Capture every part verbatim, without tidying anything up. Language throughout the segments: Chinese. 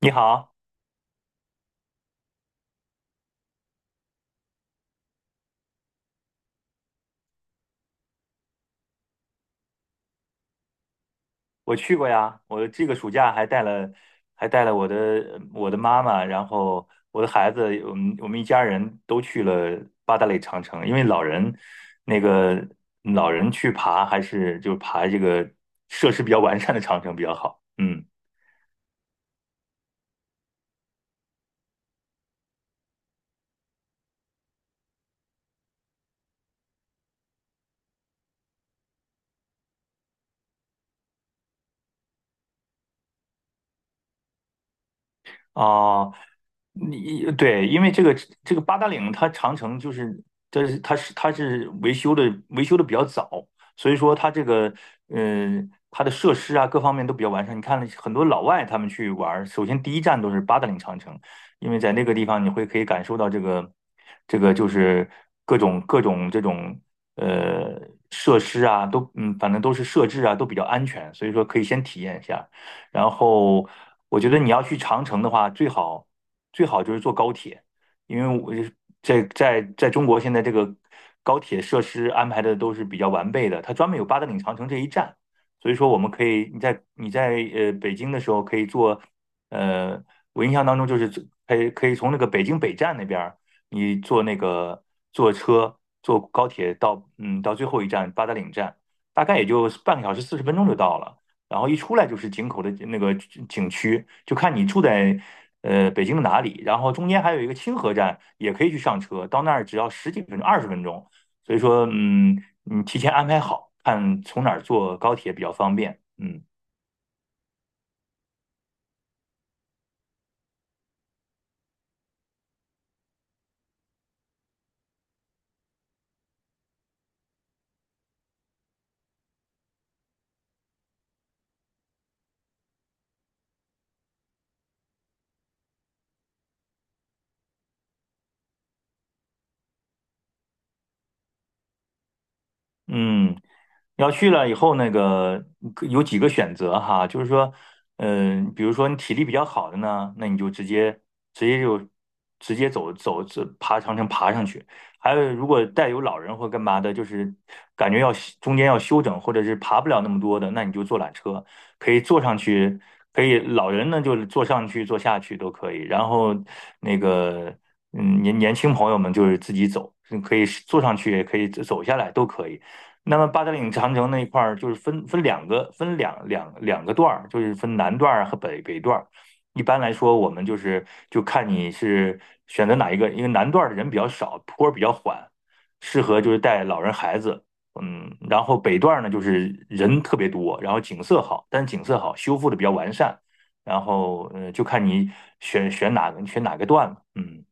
你好，我去过呀，我这个暑假还带了，还带了我的我的妈妈，然后我的孩子，我们我们一家人都去了八达岭长城，因为老人那个老人去爬还是就爬这个设施比较完善的长城比较好，嗯。啊，你对，因为这个这个八达岭它长城就是，这是它是它是维修的维修的比较早，所以说它这个呃它的设施啊各方面都比较完善。你看很多老外他们去玩儿，首先第一站都是八达岭长城，因为在那个地方你会可以感受到这个这个就是各种各种这种呃设施啊都嗯反正都是设置啊都比较安全，所以说可以先体验一下。然后我觉得你要去长城的话，最好最好就是坐高铁，因为我在在在中国现在这个高铁设施安排的都是比较完备的，它专门有八达岭长城这一站，所以说我们可以你在你在呃北京的时候可以坐，呃，我印象当中就是可以可以从那个北京北站那边儿。你坐那个坐车坐高铁到嗯到最后一站八达岭站，大概也就半个小时四十分钟就到了。然后一出来就是井口的那个景区，就看你住在呃北京的哪里。然后中间还有一个清河站，也可以去上车，到那儿只要十几分钟、二十分钟。所以说，嗯，你提前安排好，看从哪儿坐高铁比较方便。嗯。嗯，要去了以后，那个可有几个选择哈，就是说，嗯、比如说你体力比较好的呢，那你就直接直接就直接走走走爬长城爬上去。还有，如果带有老人或干嘛的，就是感觉要中间要休整，或者是爬不了那么多的，那你就坐缆车，可以坐上去，可以老人呢就是坐上去坐下去都可以。然后那个嗯年年轻朋友们就是自己走，嗯可以坐上去也可以走下来都可以。那么八达岭长城那一块儿就是分分两个分两两两个段儿，就是分南段儿和北北段儿。一般来说，我们就是就看你是选择哪一个，因为南段儿的人比较少，坡儿比较缓，适合就是带老人孩子。嗯，然后北段儿呢，就是人特别多，然后景色好，但是景色好，修复的比较完善。然后，呃，就看你选选哪个选哪个段了。嗯。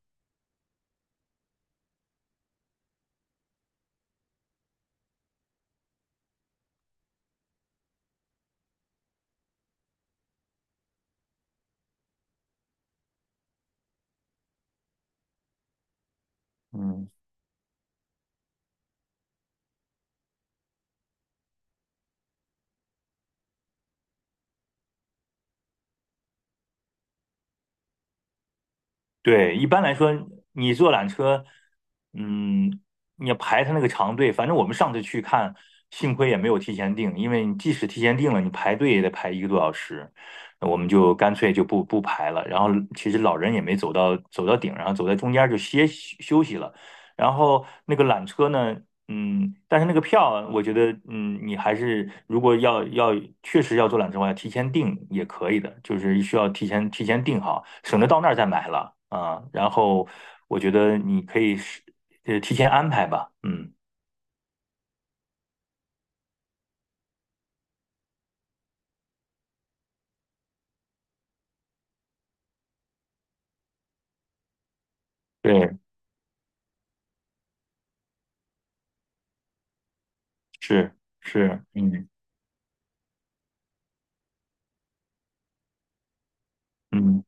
嗯。对，一般来说，你坐缆车，嗯，你要排他那个长队。反正我们上次去看，幸亏也没有提前订，因为你即使提前订了，你排队也得排一个多小时。那我们就干脆就不不排了。然后其实老人也没走到走到顶，然后走在中间就歇息休息了。然后那个缆车呢？嗯，但是那个票，我觉得，嗯，你还是如果要要确实要做缆车的话，提前订也可以的，就是需要提前提前订好，省得到那儿再买了啊。然后我觉得你可以是呃提前安排吧，嗯，对，是是，嗯嗯。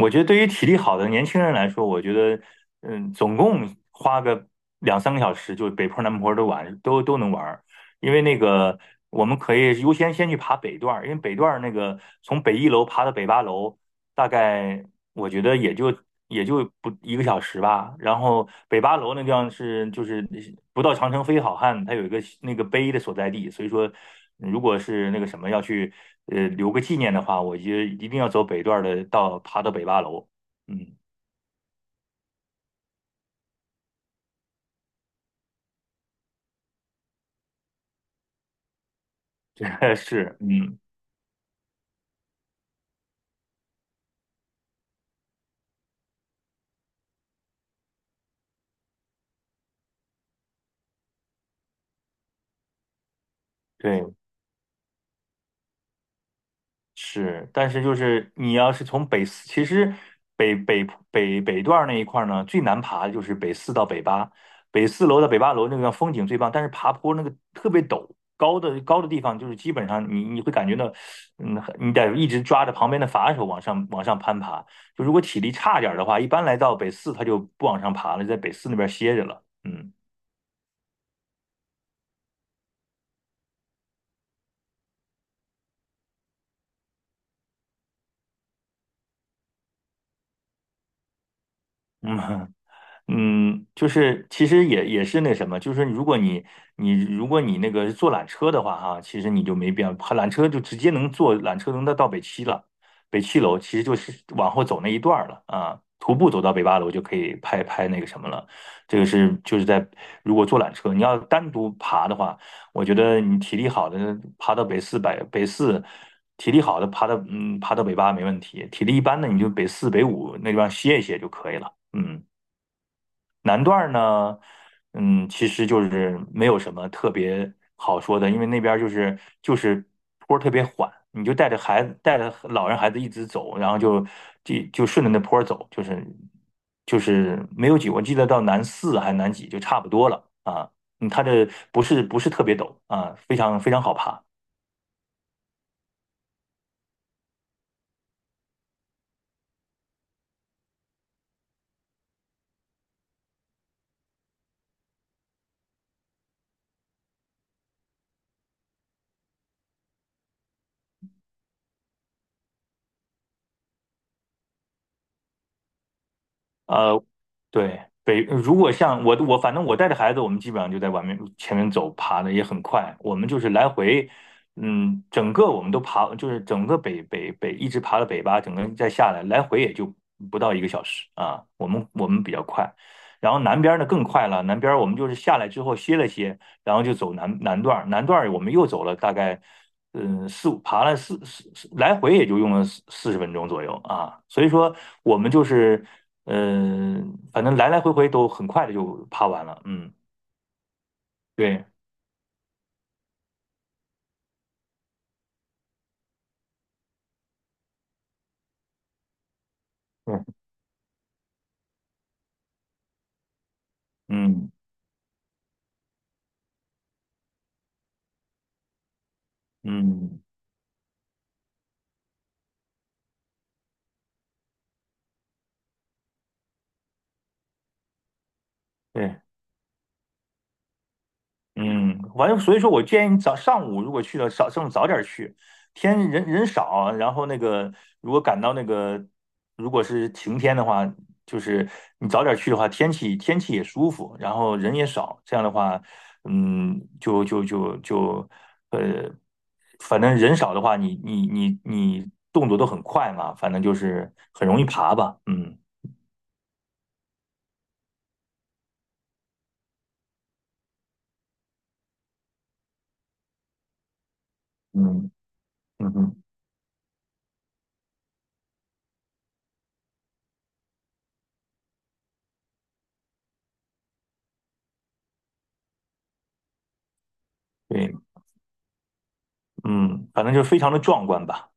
我觉得对于体力好的年轻人来说，我觉得，嗯，总共花个两三个小时，就北坡南坡都玩，都都能玩儿。因为那个，我们可以优先先去爬北段儿，因为北段儿那个从北一楼爬到北八楼，大概我觉得也就也就不一个小时吧。然后北八楼那地方是就是不到长城非好汉，它有一个那个碑的所在地，所以说如果是那个什么要去呃留个纪念的话，我就一定要走北段儿的，到爬到北八楼。嗯，这个是嗯。对，是，但是就是你要是从北四，其实北北北北段儿那一块儿呢，最难爬的就是北四到北八，北四楼到北八楼那个风景最棒，但是爬坡那个特别陡，高的高的地方就是基本上你你会感觉到，嗯，你得一直抓着旁边的扶手往上往上攀爬。就如果体力差点儿的话，一般来到北四他就不往上爬了，在北四那边歇着了。嗯嗯，嗯，就是其实也也是那什么，就是如果你你如果你那个坐缆车的话哈，其实你就没必要，缆车就直接能坐缆车能到到北七了，北七楼其实就是往后走那一段儿了啊，徒步走到北八楼就可以拍拍那个什么了。这个是就是在如果坐缆车，你要单独爬的话，我觉得你体力好的爬到北四百北四。体力好的爬到嗯爬到北八没问题，体力一般的你就北四北五那地方歇一歇就可以了，嗯。南段儿呢，嗯，其实就是没有什么特别好说的，因为那边儿就是就是坡儿特别缓，你就带着孩子带着老人孩子一直走，然后就就就顺着那坡儿走，就是就是没有几，我记得到南四还南几就差不多了啊，嗯，它这不是不是特别陡啊，非常非常好爬。呃，对，北，如果像我我反正我带着孩子，我们基本上就在外面前面走，爬的也很快。我们就是来回，嗯，整个我们都爬，就是整个北北北一直爬到北巴，整个再下来，来回也就不到一个小时啊。我们我们比较快，然后南边呢更快了，南边我们就是下来之后歇了歇，然后就走南南段南段我们又走了大概，嗯，四五爬了四四四来回也就用了四四十分钟左右啊，所以说我们就是，嗯、反正来来回回都很快的就爬完了，嗯，对，嗯，嗯嗯，对。嗯，完了，正所以说我建议你早上午如果去了，早上午早点去，天人人少，然后那个如果赶到那个如果是晴天的话，就是你早点去的话，天气天气也舒服，然后人也少，这样的话，嗯，就就就就呃，反正人少的话，你你你你动作都很快嘛，反正就是很容易爬吧，嗯嗯嗯哼，对，嗯，反正就是非常的壮观吧。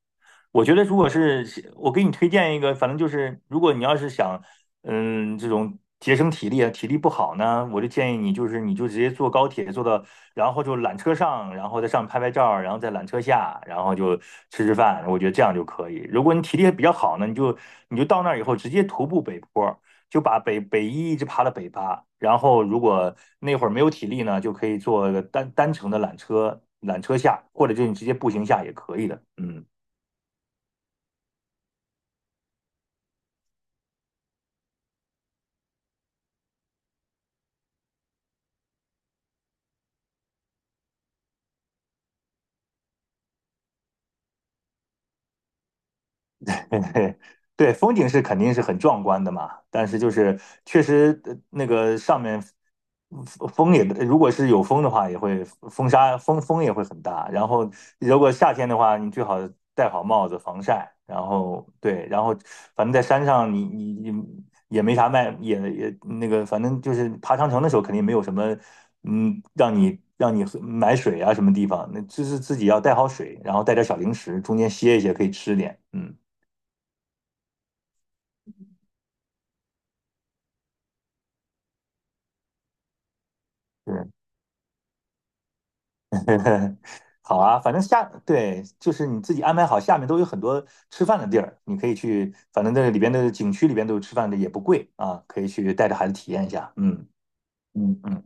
我觉得如果是我给你推荐一个，反正就是如果你要是想，嗯，这种节省体力啊，体力不好呢，我就建议你就是你就直接坐高铁坐到，然后就缆车上，然后在上面拍拍照，然后在缆车下，然后就吃吃饭，我觉得这样就可以。如果你体力比较好呢，你就你就到那儿以后直接徒步北坡，就把北北一一直爬到北八，然后如果那会儿没有体力呢，就可以坐个单单程的缆车，缆车下，或者就你直接步行下也可以的，嗯。对对，风景是肯定是很壮观的嘛，但是就是确实呃那个上面风风也，如果是有风的话，也会风沙风风也会很大。然后如果夏天的话，你最好戴好帽子防晒。然后对，然后反正在山上你你你也没啥卖，也也那个反正就是爬长城的时候肯定没有什么嗯让你让你喝买水啊什么地方，那就是自己要带好水，然后带点小零食，中间歇一歇可以吃点，嗯。对，好啊，反正下，对，就是你自己安排好，下面都有很多吃饭的地儿，你可以去，反正那里边的景区里边都有吃饭的，也不贵啊，可以去带着孩子体验一下。嗯嗯嗯，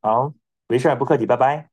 好，没事儿，不客气，拜拜。